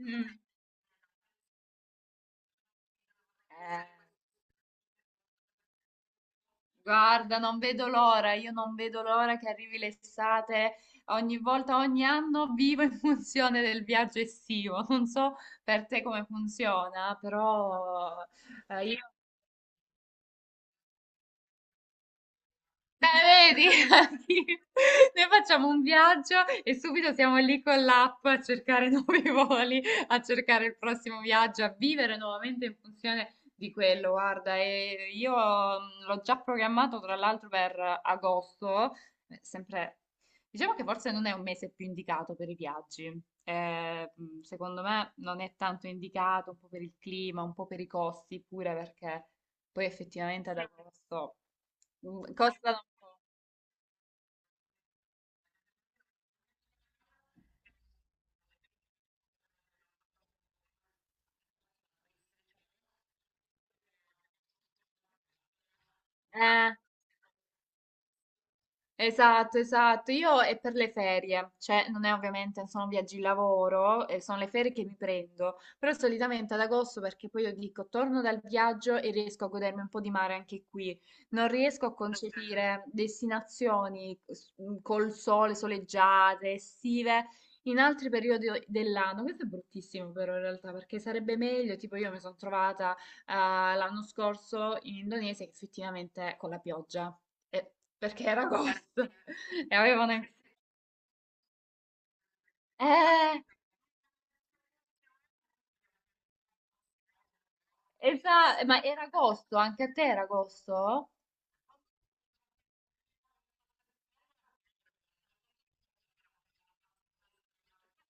Mm. Eh, Guarda, non vedo l'ora, io non vedo l'ora che arrivi l'estate. Ogni volta, ogni anno vivo in funzione del viaggio estivo. Non so per te come funziona, però io vedi, sì. Noi facciamo un viaggio e subito siamo lì con l'app a cercare nuovi voli, a cercare il prossimo viaggio, a vivere nuovamente in funzione di quello. Guarda, e io l'ho già programmato tra l'altro per agosto, sempre, diciamo che forse non è un mese più indicato per i viaggi. Secondo me non è tanto indicato, un po' per il clima, un po' per i costi, pure perché poi effettivamente ad agosto costano un po'. Eh, esatto, esatto. Io è per le ferie, cioè non è ovviamente, sono viaggi lavoro, e sono le ferie che mi prendo, però solitamente ad agosto perché poi io dico torno dal viaggio e riesco a godermi un po' di mare anche qui. Non riesco a concepire destinazioni col sole, soleggiate, estive. In altri periodi dell'anno, questo è bruttissimo però in realtà, perché sarebbe meglio, tipo io mi sono trovata l'anno scorso in Indonesia, che effettivamente con la pioggia, perché era agosto e avevano... Eh, ma era agosto, anche a te era agosto?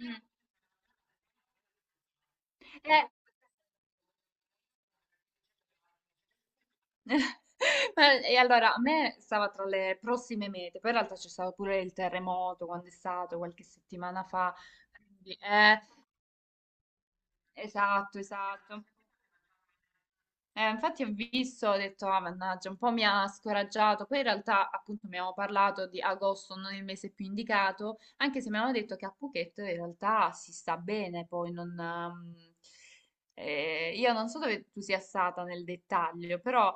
Mm. Eh, E allora a me stava tra le prossime mete, poi in realtà c'è stato pure il terremoto quando è stato qualche settimana fa, quindi, esatto, esatto. Infatti ho visto, ho detto, ah, mannaggia, un po' mi ha scoraggiato. Poi in realtà, appunto, abbiamo parlato di agosto, non il mese più indicato, anche se mi hanno detto che a Phuket in realtà si sta bene, poi non... io non so dove tu sia stata nel dettaglio, però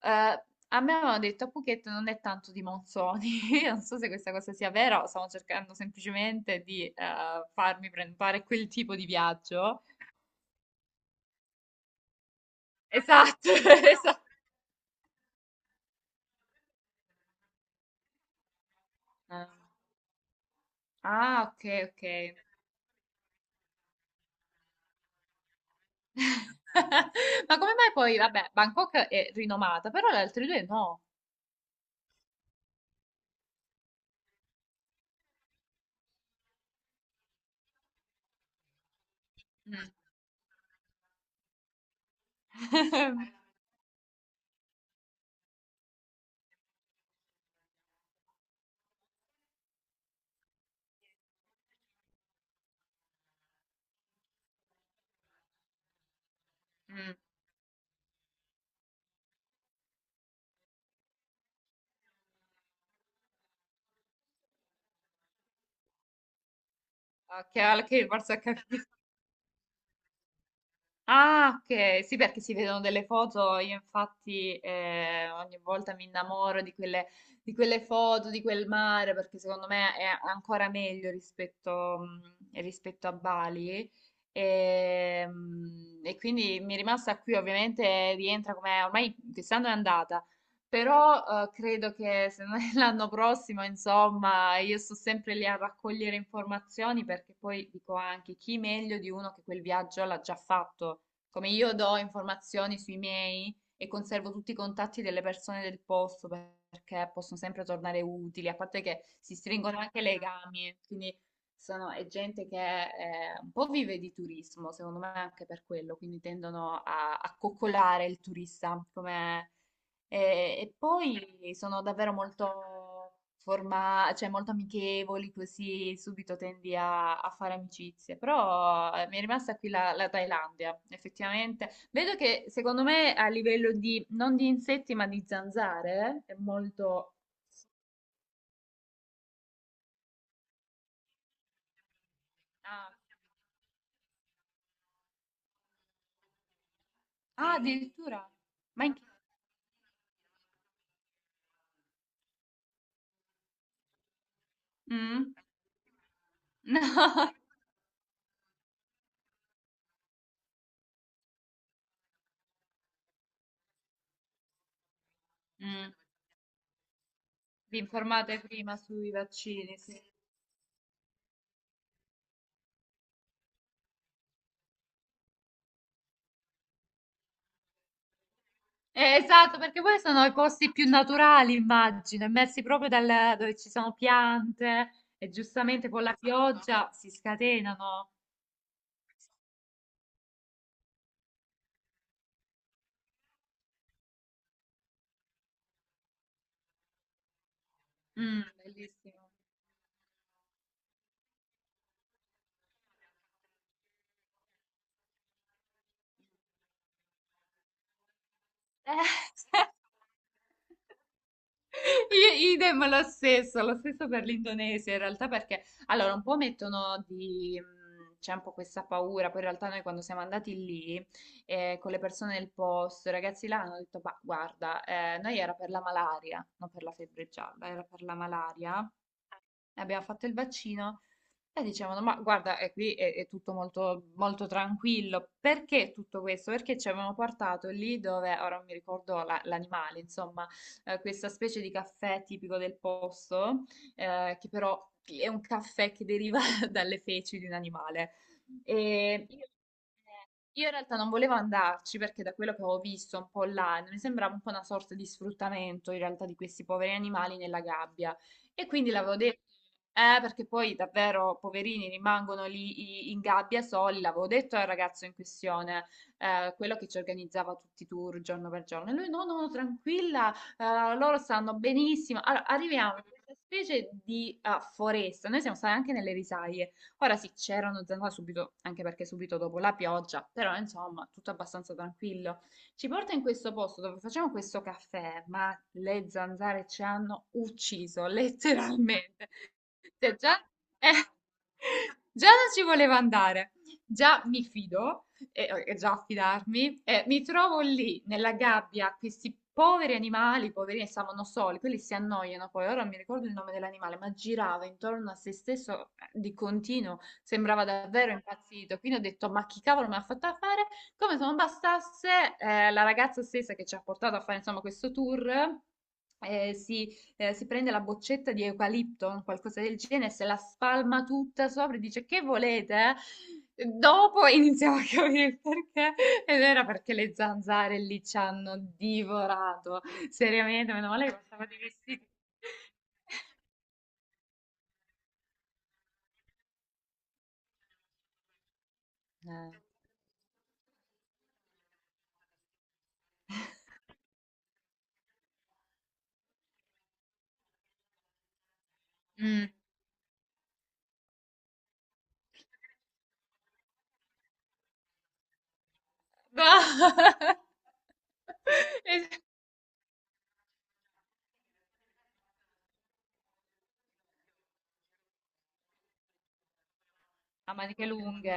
eh, a me avevano detto a Phuket non è tanto di monsoni. Io non so se questa cosa sia vera o stavo cercando semplicemente di farmi fare quel tipo di viaggio. Esatto, esa ah. Ah, okay, okay. Ma come mai poi vabbè, Bangkok è rinomata, però le altre due no. Mh. Mh. Okay, alla che forse ho capi. Ah, ok, sì, perché si vedono delle foto, io infatti ogni volta mi innamoro di quelle foto, di quel mare, perché secondo me è ancora meglio rispetto, rispetto a Bali. E quindi mi è rimasta qui, ovviamente rientra come ormai quest'anno è andata, però credo che se non è l'anno prossimo, insomma, io sto sempre lì a raccogliere informazioni perché poi dico anche chi meglio di uno che quel viaggio l'ha già fatto. Come io do informazioni sui miei e conservo tutti i contatti delle persone del posto perché possono sempre tornare utili, a parte che si stringono anche legami, quindi è gente che un po' vive di turismo, secondo me anche per quello, quindi tendono a coccolare il turista come e, e poi sono davvero molto cioè molto amichevoli, così subito tendi a fare amicizie. Però mi è rimasta qui la Thailandia, effettivamente. Vedo che secondo me a livello di, non di insetti, ma di zanzare, è molto... Ah, ah, addirittura. Ma in... Mm? No. Mm. Vi informate prima sui vaccini, sì. Esatto, perché poi sono i posti più naturali, immagino, messi proprio dove ci sono piante e giustamente con la pioggia si scatenano. Mm, bellissimo. Eh, Idem lo stesso per l'Indonesia in realtà perché allora un po' mettono di... c'è un po' questa paura, poi in realtà noi quando siamo andati lì con le persone del posto, i ragazzi là hanno detto, bah, guarda, noi era per la malaria, non per la febbre gialla, era per la malaria, e abbiamo fatto il vaccino e dicevano, ma guarda, è qui è tutto molto, molto tranquillo. Perché tutto questo? Perché ci avevano portato lì dove, ora non mi ricordo l'animale, insomma, questa specie di caffè tipico del posto, che però è un caffè che deriva dalle feci di un animale. E io in realtà non volevo andarci perché da quello che avevo visto un po' online mi sembrava un po' una sorta di sfruttamento in realtà di questi poveri animali nella gabbia e quindi l'avevo detto, perché poi davvero poverini rimangono lì in gabbia soli, l'avevo detto al ragazzo in questione, quello che ci organizzava tutti i tour giorno per giorno, e lui no, no, tranquilla, loro stanno benissimo. Allora, arriviamo in questa specie di foresta, noi siamo stati anche nelle risaie. Ora sì, c'erano zanzare subito, anche perché subito dopo la pioggia, però insomma, tutto abbastanza tranquillo. Ci porta in questo posto dove facciamo questo caffè, ma le zanzare ci hanno ucciso, letteralmente. Cioè, già, eh, già non ci voleva andare. Già mi fido e già affidarmi, e mi trovo lì nella gabbia, questi poveri animali, poverini, stavano soli, quelli si annoiano poi, ora non mi ricordo il nome dell'animale, ma girava intorno a se stesso di continuo, sembrava davvero impazzito, quindi ho detto, ma chi cavolo mi ha fatta fare? Come se non bastasse, la ragazza stessa che ci ha portato a fare, insomma, questo tour, eh, si si prende la boccetta di eucalipto, qualcosa del genere, se la spalma tutta sopra e dice che volete? Dopo iniziamo a capire il perché, ed era perché le zanzare lì ci hanno divorato. Seriamente, meno male che passavo dei vestiti. Eh. Mm. No. Le- A maniche lunghe.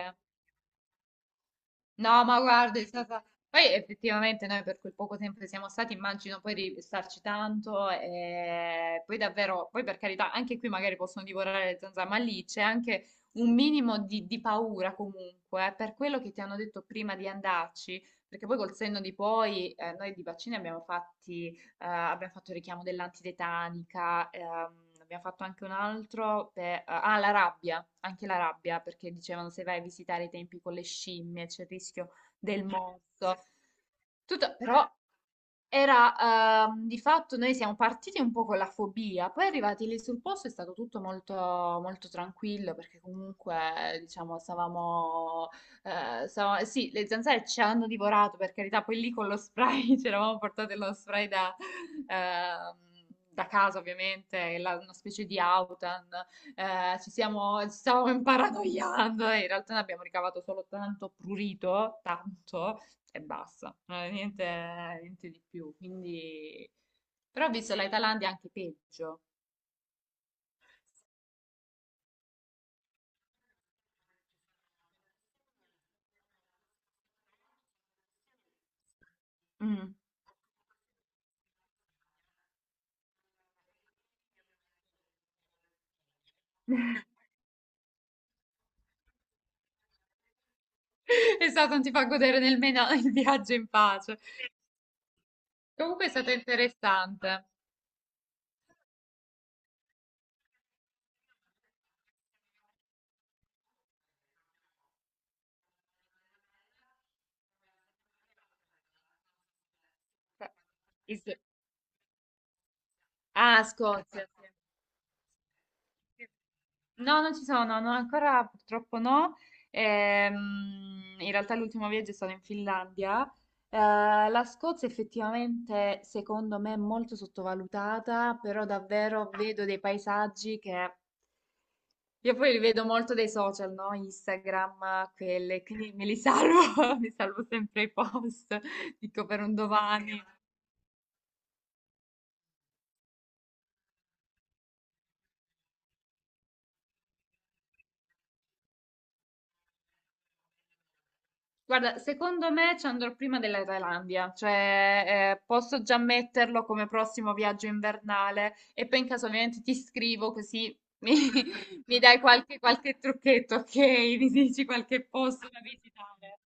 No, ma guarda, è stata... Poi effettivamente noi per quel poco tempo che siamo stati, immagino poi di starci tanto e poi davvero, poi per carità, anche qui magari possono divorare le zanzare, ma lì c'è anche un minimo di paura comunque, per quello che ti hanno detto prima di andarci, perché poi col senno di poi noi di vaccini abbiamo fatto il richiamo dell'antitetanica, abbiamo fatto anche un altro per... Ah, la rabbia, anche la rabbia, perché dicevano se vai a visitare i tempi con le scimmie c'è il rischio del morso. Tutto, però era di fatto noi siamo partiti un po' con la fobia, poi arrivati lì sul posto è stato tutto molto, molto tranquillo perché comunque diciamo stavamo sì, le zanzare ci hanno divorato, per carità, poi lì con lo spray, ci eravamo portate lo spray ehm, da casa ovviamente, una specie di autan, ci stavamo imparanoiando e in realtà ne abbiamo ricavato solo tanto prurito, tanto, e basta, non è niente, niente di più, quindi... Però ho visto la Thailandia anche peggio. Mm. Esatto, non ti fa godere nemmeno il viaggio in pace. Comunque è stato interessante. Is- Ah, Scozia, sì. No, non ci sono, no, no, ancora purtroppo no. In realtà l'ultimo viaggio è stato in Finlandia. Eh, la Scozia effettivamente, secondo me, è molto sottovalutata, però davvero vedo dei paesaggi che io poi li vedo molto dai social, no? Instagram, quelle, quindi me li salvo, mi salvo sempre i post, dico per un domani. Guarda, secondo me ci andrò prima della Thailandia, cioè posso già metterlo come prossimo viaggio invernale e poi in caso ovviamente ti scrivo così mi, mi dai qualche, trucchetto, ok? Mi dici qualche posto da visitare.